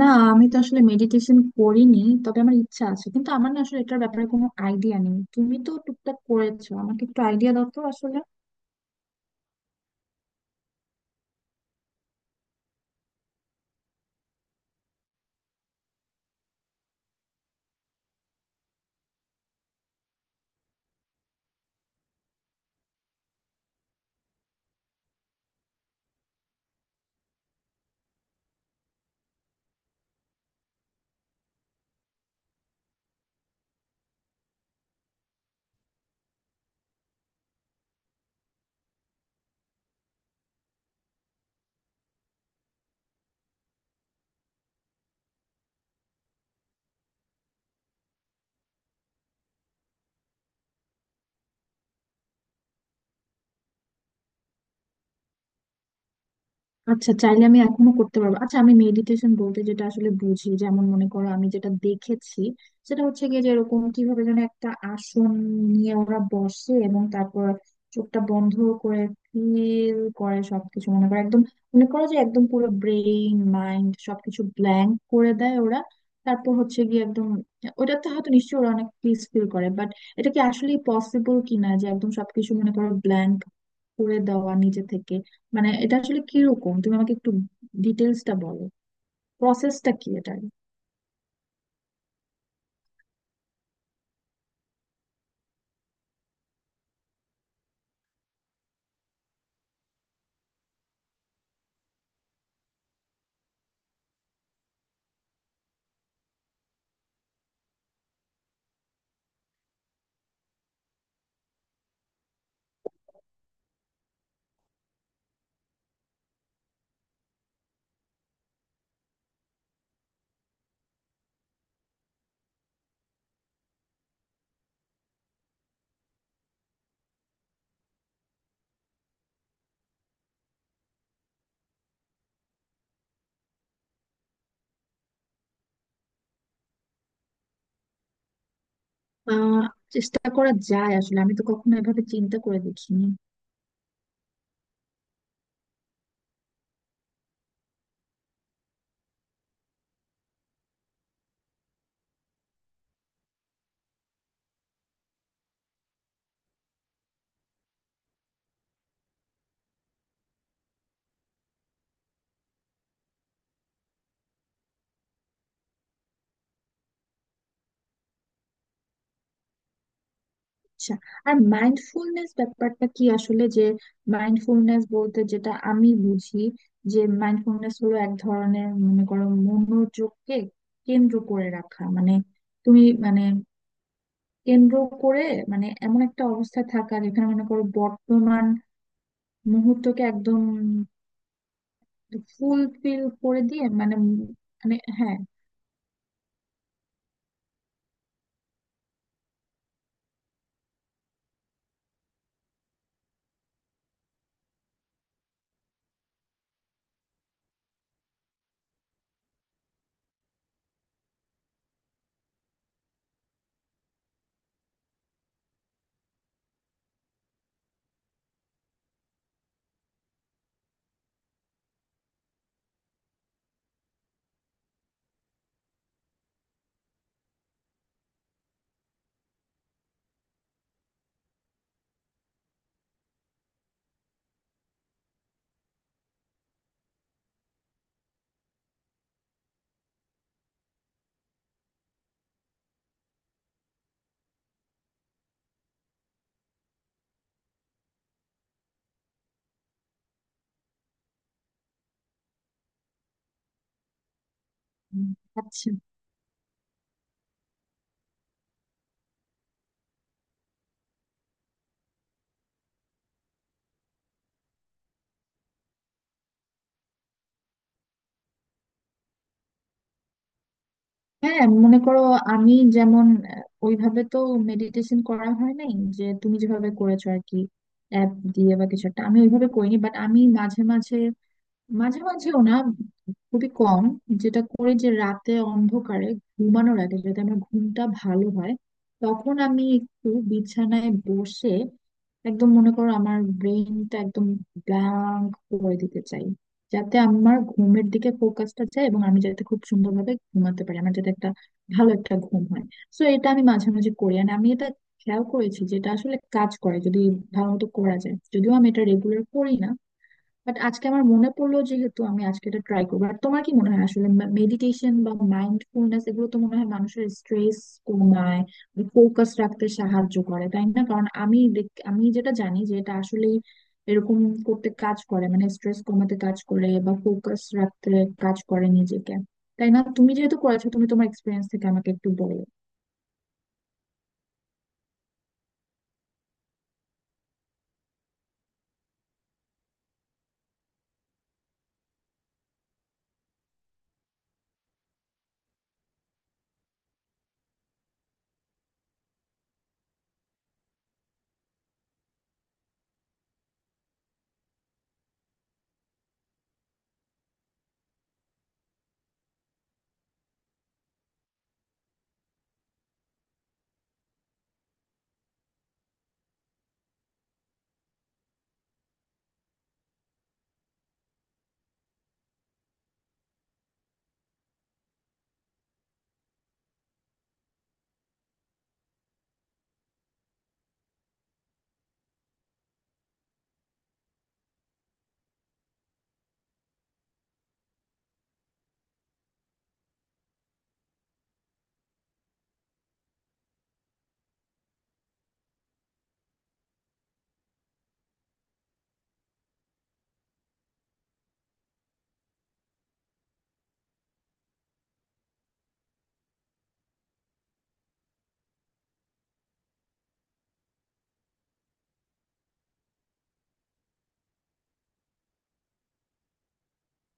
না, আমি তো আসলে মেডিটেশন করিনি। তবে আমার ইচ্ছা আছে, কিন্তু আমার না আসলে এটার ব্যাপারে কোনো আইডিয়া নেই। তুমি তো টুকটাক করেছো, আমাকে একটু আইডিয়া দাও তো আসলে। আচ্ছা, চাইলে আমি এখনো করতে পারবো? আচ্ছা, আমি মেডিটেশন বলতে যেটা আসলে বুঝি, যেমন মনে করো, আমি যেটা দেখেছি সেটা হচ্ছে গিয়ে যে এরকম কিভাবে যেন একটা আসন নিয়ে ওরা বসে এবং তারপর চোখটা বন্ধ করে ফিল করে সবকিছু। মনে করো একদম, মনে করো যে একদম পুরো ব্রেইন মাইন্ড সবকিছু ব্ল্যাঙ্ক করে দেয় ওরা। তারপর হচ্ছে গিয়ে একদম ওটাতে হয়তো নিশ্চয়ই ওরা অনেক পিস ফিল করে, বাট এটা কি আসলে পসিবল কিনা যে একদম সবকিছু মনে করো ব্ল্যাঙ্ক করে দেওয়া নিজে থেকে? মানে এটা আসলে কিরকম, তুমি আমাকে একটু ডিটেলসটা বলো। প্রসেসটা কি এটার? আহ চেষ্টা করা যায় আসলে, আমি তো কখনো এভাবে চিন্তা করে দেখিনি। আচ্ছা, আর মাইন্ডফুলনেস ব্যাপারটা কি আসলে? যে মাইন্ডফুলনেস বলতে যেটা আমি বুঝি, যে মাইন্ডফুলনেস হলো এক ধরনের মনে করো মনোযোগকে কেন্দ্র করে রাখা। মানে তুমি মানে কেন্দ্র করে, মানে এমন একটা অবস্থায় থাকা যেখানে মনে করো বর্তমান মুহূর্তকে একদম ফুলফিল করে দিয়ে, মানে মানে হ্যাঁ। উম, আচ্ছা। হ্যাঁ, মনে করো, আমি যেমন ওইভাবে তো মেডিটেশন করা হয় নাই, যে তুমি যেভাবে করেছো আর কি, অ্যাপ দিয়ে বা কিছু একটা, আমি ওইভাবে করিনি। বাট আমি মাঝে মাঝে, মাঝে মাঝেও না, খুবই কম যেটা করি, যে রাতে অন্ধকারে ঘুমানোর আগে যদি আমার ঘুমটা ভালো হয়, তখন আমি একটু বিছানায় বসে একদম মনে করো আমার ব্রেনটা একদম ব্ল্যাঙ্ক করে দিতে চাই, যাতে আমার ঘুমের দিকে ফোকাসটা যায় এবং আমি যাতে খুব সুন্দরভাবে ঘুমাতে পারি, আমার যাতে একটা ভালো একটা ঘুম হয়। সো এটা আমি মাঝে মাঝে করি, আর আমি এটা খেয়াল করেছি, যেটা আসলে কাজ করে যদি ভালো মতো করা যায়, যদিও আমি এটা রেগুলার করি না। বাট আজকে আমার মনে পড়লো, যেহেতু, আমি আজকে এটা ট্রাই করবো। আর তোমার কি মনে হয় আসলে মেডিটেশন বা মাইন্ডফুলনেস এগুলো তো মনে হয় মানুষের স্ট্রেস কমায়, ফোকাস রাখতে সাহায্য করে, তাই না? কারণ আমি যেটা জানি যে এটা আসলে এরকম করতে কাজ করে, মানে স্ট্রেস কমাতে কাজ করে বা ফোকাস রাখতে কাজ করে নিজেকে, তাই না? তুমি যেহেতু করেছো, তুমি তোমার এক্সপিরিয়েন্স থেকে আমাকে একটু বলো।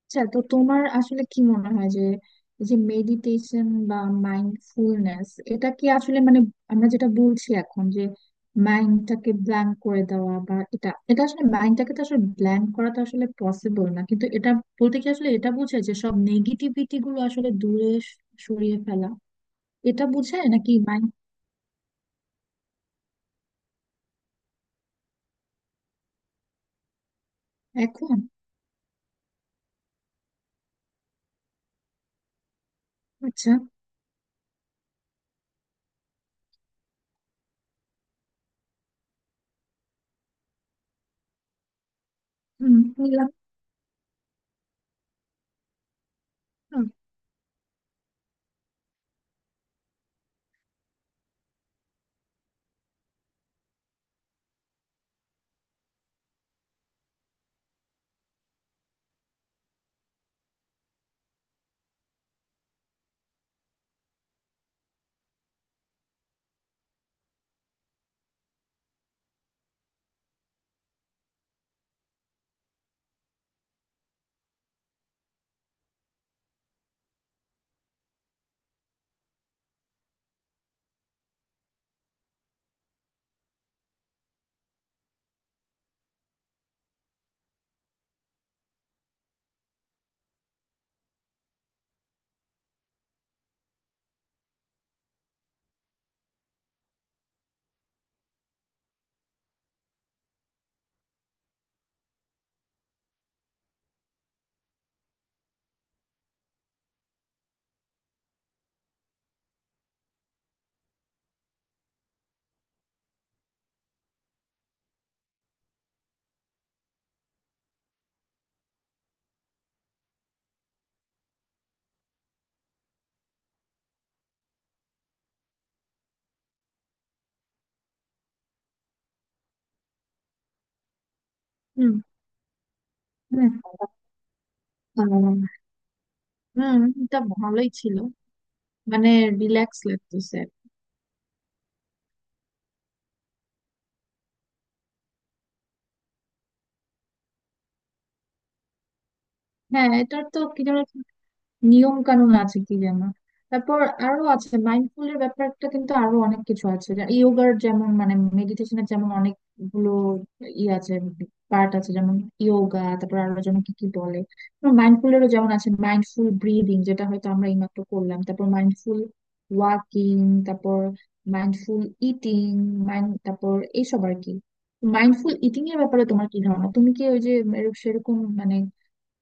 আচ্ছা, তো তোমার আসলে কি মনে হয় যে এই যে মেডিটেশন বা মাইন্ডফুলনেস, এটা কি আসলে মানে আমরা যেটা বলছি এখন যে মাইন্ডটাকে ব্ল্যাঙ্ক করে দেওয়া, বা এটা এটা আসলে মাইন্ডটাকে তো আসলে ব্ল্যাঙ্ক করা তো আসলে পসিবল না, কিন্তু এটা বলতে কি আসলে এটা বোঝায় যে সব নেগেটিভিটি গুলো আসলে দূরে সরিয়ে ফেলা, এটা বোঝায় নাকি মাইন্ড? এখন? আচ্ছা। হুম, বুঝলাম। হুম। হুম। হুম। আহ, হুম, এটা ভালোই ছিল। মানে রিল্যাক্স লাগতেছে। হ্যাঁ, এটার তো কি যেন নিয়ম কানুন আছে কি যেন। তারপর আরো আছে, মাইন্ডফুল এর ব্যাপারটা কিন্তু আরো অনেক কিছু আছে। ইয়োগার যেমন, মানে মেডিটেশনের যেমন অনেকগুলো ই আছে, পার্ট আছে, যেমন ইয়োগা, তারপর আরো যেন কি কি বলে। মাইন্ডফুল এরও যেমন আছে মাইন্ডফুল ব্রিদিং, যেটা হয়তো আমরা এইমাত্র করলাম, তারপর মাইন্ডফুল ওয়াকিং, তারপর মাইন্ডফুল ইটিং, মাইন্ড, তারপর এইসব আর কি। মাইন্ডফুল ইটিং এর ব্যাপারে তোমার কি ধারণা? তুমি কি ওই যে সেরকম মানে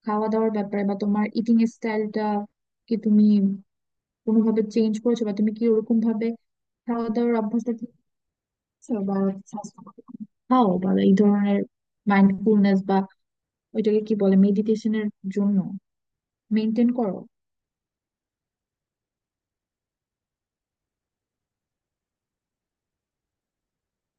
খাওয়া দাওয়ার ব্যাপারে বা তোমার ইটিং স্টাইলটা কি তুমি কোনোভাবে চেঞ্জ করেছো, বা তুমি কি ওরকম ভাবে খাওয়া দাওয়ার অভ্যাসটা ঠিক করছো, বা স্বাস্থ্যকর খাও, বা এই ধরনের মাইন্ডফুলনেস বা ওইটাকে কি বলে, মেডিটেশনের জন্য মেনটেন করো?